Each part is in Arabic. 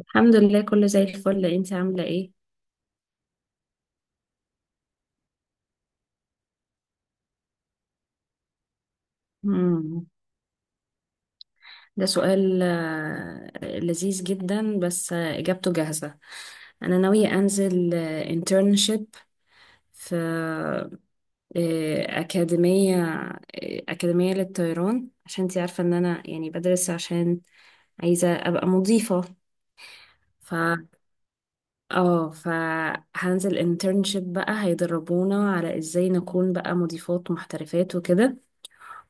الحمد لله، كله زي الفل. انت عاملة ايه؟ مم. ده سؤال لذيذ جدا. بس اجابته جاهزة. انا ناوية انزل انترنشيب في آه، اكاديمية آه، اكاديمية للطيران، عشان انت عارفة ان انا يعني بدرس، عشان عايزة ابقى مضيفة. ف اه فهنزل انترنشيب بقى، هيدربونا على ازاي نكون بقى مضيفات محترفات وكده.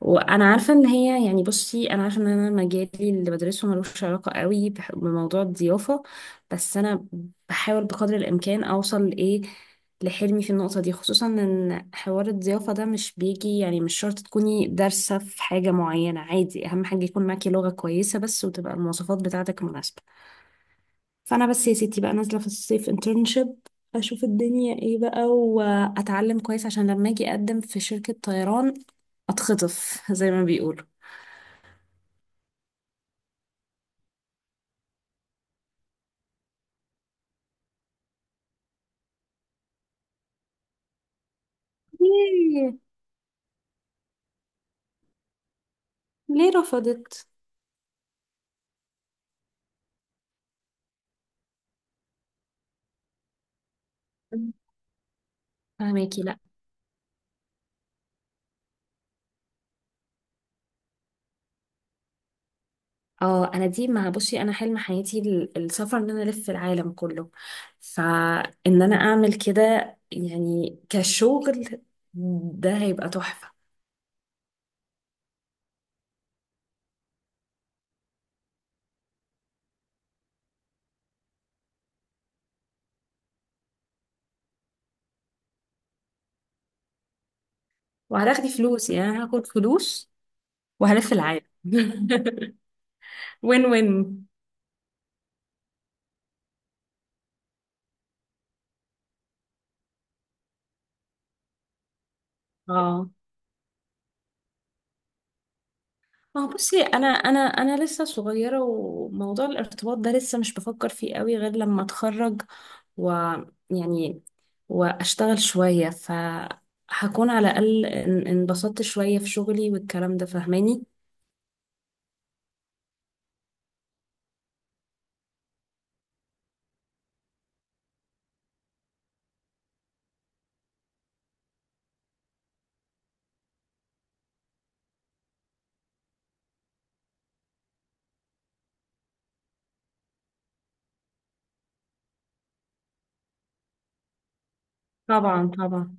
وانا عارفه ان هي يعني، بصي، انا عارفه ان انا مجالي اللي بدرسه ملوش علاقه قوي بموضوع الضيافه. بس انا بحاول بقدر الامكان اوصل لايه، لحلمي في النقطه دي. خصوصا ان حوار الضيافه ده مش بيجي، يعني مش شرط تكوني دارسه في حاجه معينه، عادي، اهم حاجه يكون معاكي لغه كويسه بس، وتبقى المواصفات بتاعتك مناسبه. فانا بس يا ستي بقى نازله في الصيف انترنشيب، اشوف الدنيا ايه بقى واتعلم كويس، عشان لما اجي اقدم في شركه طيران اتخطف زي ما بيقولوا. ليه؟ ليه رفضت؟ فهماكي، لا. اه، انا دي مع، بصي، انا حلم حياتي السفر ان انا الف العالم كله. فان انا اعمل كده يعني كشغل، ده هيبقى تحفة. وهتاخدي فلوس يعني، أنا هاخد فلوس وهلف العالم وين وين. اه، ما هو بصي، انا لسه صغيره، وموضوع الارتباط ده لسه مش بفكر فيه قوي غير لما اتخرج ويعني واشتغل شويه، فهكون على الاقل انبسطت شويه في شغلي والكلام ده فاهماني. طبعا طبعا.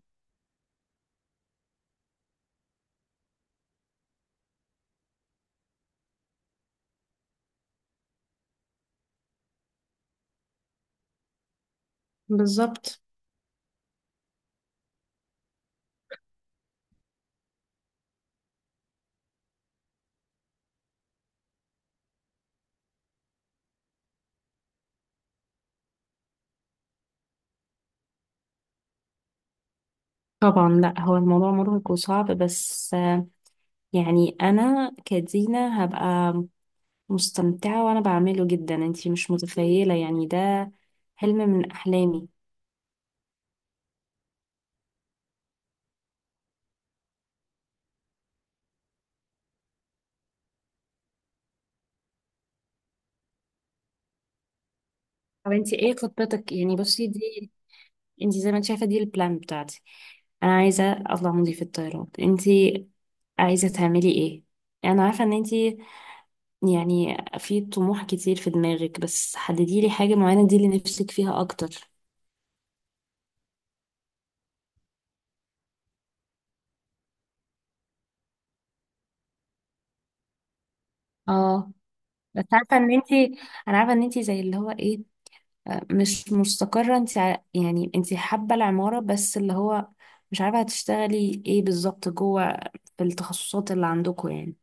بالظبط. طبعا، لا، هو الموضوع مرهق وصعب، بس يعني انا كدينا هبقى مستمتعه وانا بعمله جدا، انتي مش متخيله، يعني ده حلم من احلامي. طب انت ايه خطتك؟ يعني بصي، دي انت زي ما انت شايفه دي البلان بتاعتي. انا عايزه اطلع مضيفه الطيران، انت عايزه تعملي ايه؟ انا عارفه ان انت يعني في طموح كتير في دماغك، بس حددي لي حاجه معينه دي اللي نفسك فيها اكتر. اه، بس عارفه ان انت، انا عارفه ان انت زي اللي هو ايه، مش مستقره. انت يعني انت حابه العماره بس اللي هو مش عارفه هتشتغلي ايه بالظبط جوه في التخصصات اللي عندكم يعني.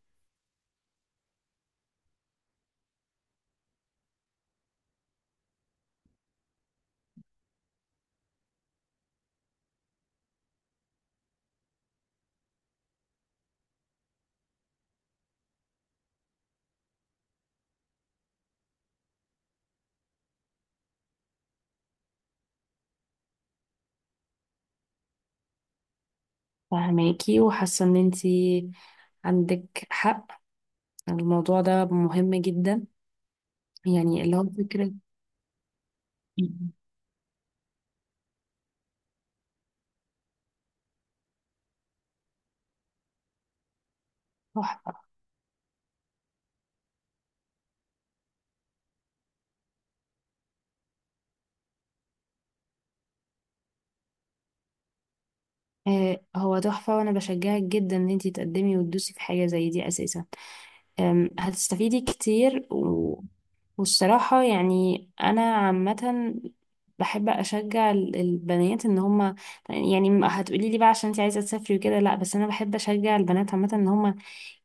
فهماكي، وحاسة ان انتي عندك حق، الموضوع ده مهم جدا، يعني اللي هو فكرة تحفة. آه، هو تحفة، وانا بشجعك جدا ان انتي تقدمي وتدوسي في حاجة زي دي اساسا. هتستفيدي كتير. والصراحة يعني أنا عامة بحب أشجع البنات إن هما، يعني هتقولي لي بقى عشان أنت عايزة تسافري وكده، لأ، بس أنا بحب أشجع البنات عامة إن هما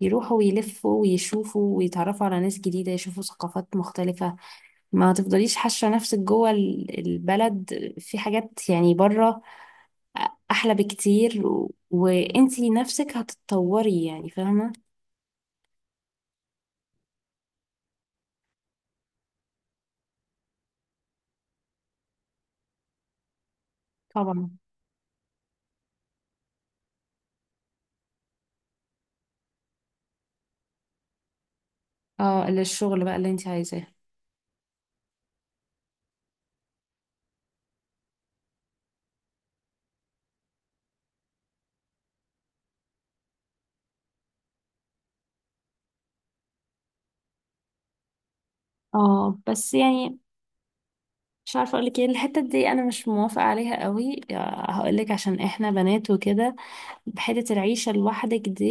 يروحوا ويلفوا ويشوفوا ويتعرفوا على ناس جديدة، يشوفوا ثقافات مختلفة. ما تفضليش حاشة نفسك جوه البلد، في حاجات يعني بره أحلى بكتير، وأنتي نفسك هتتطوري يعني، فاهمة؟ طبعا. اه، للشغل بقى اللي أنت عايزاه. اه، بس يعني مش عارفه اقول لك ايه، الحته دي انا مش موافقه عليها قوي هقول لك، عشان احنا بنات وكده، بحته العيشه لوحدك دي.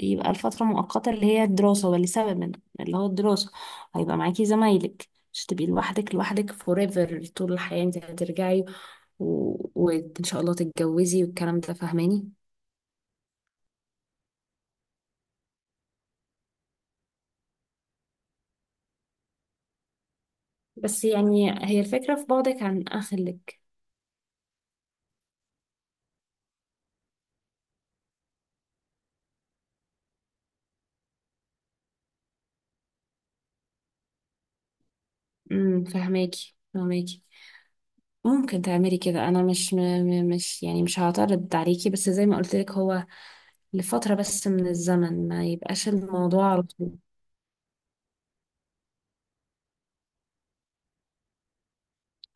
يبقى الفتره مؤقته اللي هي الدراسه، ولا سبب من اللي هو الدراسه، هيبقى معاكي زمايلك، مش تبقي لوحدك لوحدك forever طول الحياه. انت هترجعي و... وان شاء الله تتجوزي والكلام ده فاهماني. بس يعني هي الفكره في بعدك عن اهلك. فاهماكي فاهماكي. ممكن تعملي كده. انا مش مش يعني مش هعترض عليكي، بس زي ما قلت لك، هو لفترة بس من الزمن، ما يبقاش الموضوع على طول.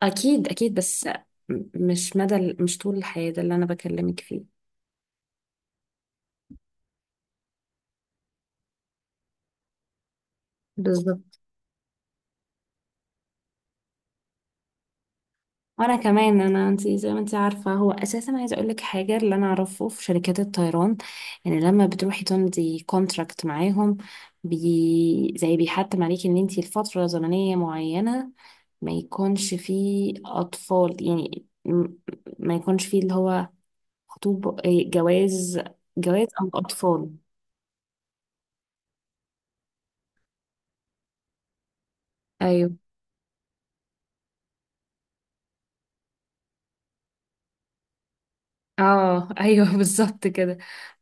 أكيد أكيد، بس مش مدى مش طول الحياة ده اللي أنا بكلمك فيه. بالظبط. وأنا كمان، أنا، أنت زي ما أنت عارفة، هو أساسا عايزة أقولك حاجة اللي أنا أعرفه في شركات الطيران. يعني لما بتروحي تمضي كونتراكت معاهم، بي زي بيحتم عليكي إن أنت لفترة زمنية معينة ما يكونش فيه أطفال، يعني ما يكونش فيه اللي هو خطوب، إيه، جواز. جواز أو أطفال. ايوه. اه، ايوه. بالظبط كده.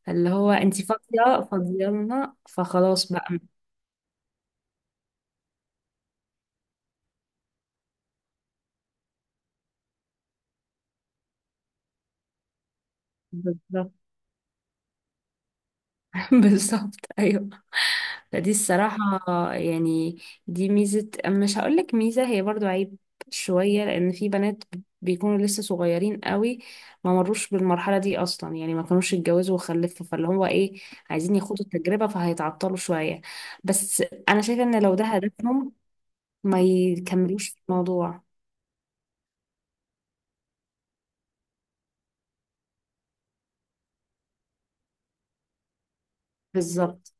اللي هو انت فاضيه فاضيه لنا، فخلاص بقى. بالظبط. بالظبط، ايوه. فدي الصراحه يعني دي ميزه، مش هقول لك ميزه، هي برضو عيب شويه. لان في بنات بيكونوا لسه صغيرين قوي، ما مروش بالمرحله دي اصلا، يعني ما كانوش اتجوزوا وخلفوا، فاللي هو ايه، عايزين يخوضوا التجربه فهيتعطلوا شويه. بس انا شايفه ان لو ده هدفهم، ما يكملوش في الموضوع. بالظبط.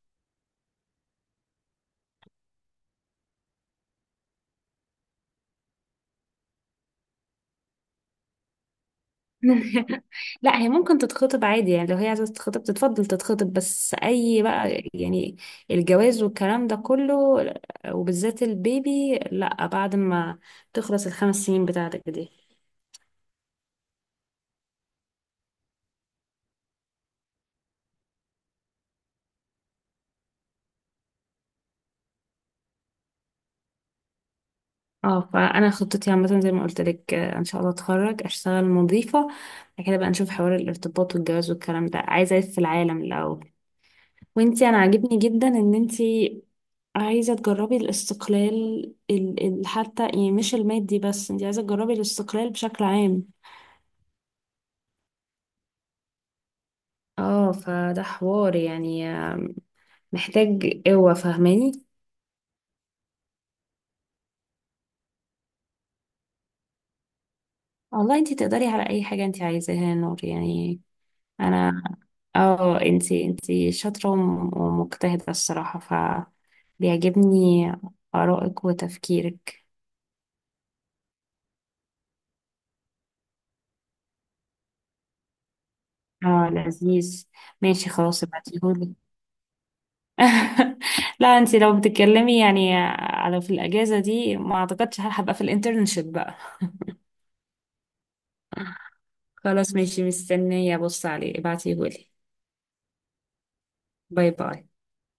لا، هي ممكن تتخطب عادي، يعني لو هي عايزة تتخطب تتفضل تتخطب، بس أي بقى يعني الجواز والكلام ده كله، وبالذات البيبي، لا، بعد ما تخلص الـ5 سنين بتاعتك دي. اه، فأنا خطتي عامة زي ما قلت لك، إن شاء الله أتخرج أشتغل مضيفة. بعد كده بقى نشوف حوار الارتباط والجواز والكلام ده، عايزة ألف في العالم الأول. وانتي أنا عاجبني جدا إن انتي عايزة تجربي الاستقلال، حتى يعني مش المادي بس، انت عايزة تجربي الاستقلال بشكل عام. اه، فده حوار يعني محتاج قوة فاهماني. والله انت تقدري على اي حاجة انت عايزاها يا نور، يعني. انا، اه، انت شاطرة ومجتهدة الصراحة، ف بيعجبني آرائك وتفكيرك. اه، لذيذ. ماشي، خلاص، ابعتيهولي. لا، انت لو بتتكلمي يعني على في الاجازه دي، ما اعتقدش هبقى في الانترنشيب بقى. خلاص، ماشي، مستنيه ابص عليه، ابعتيه لي. باي باي.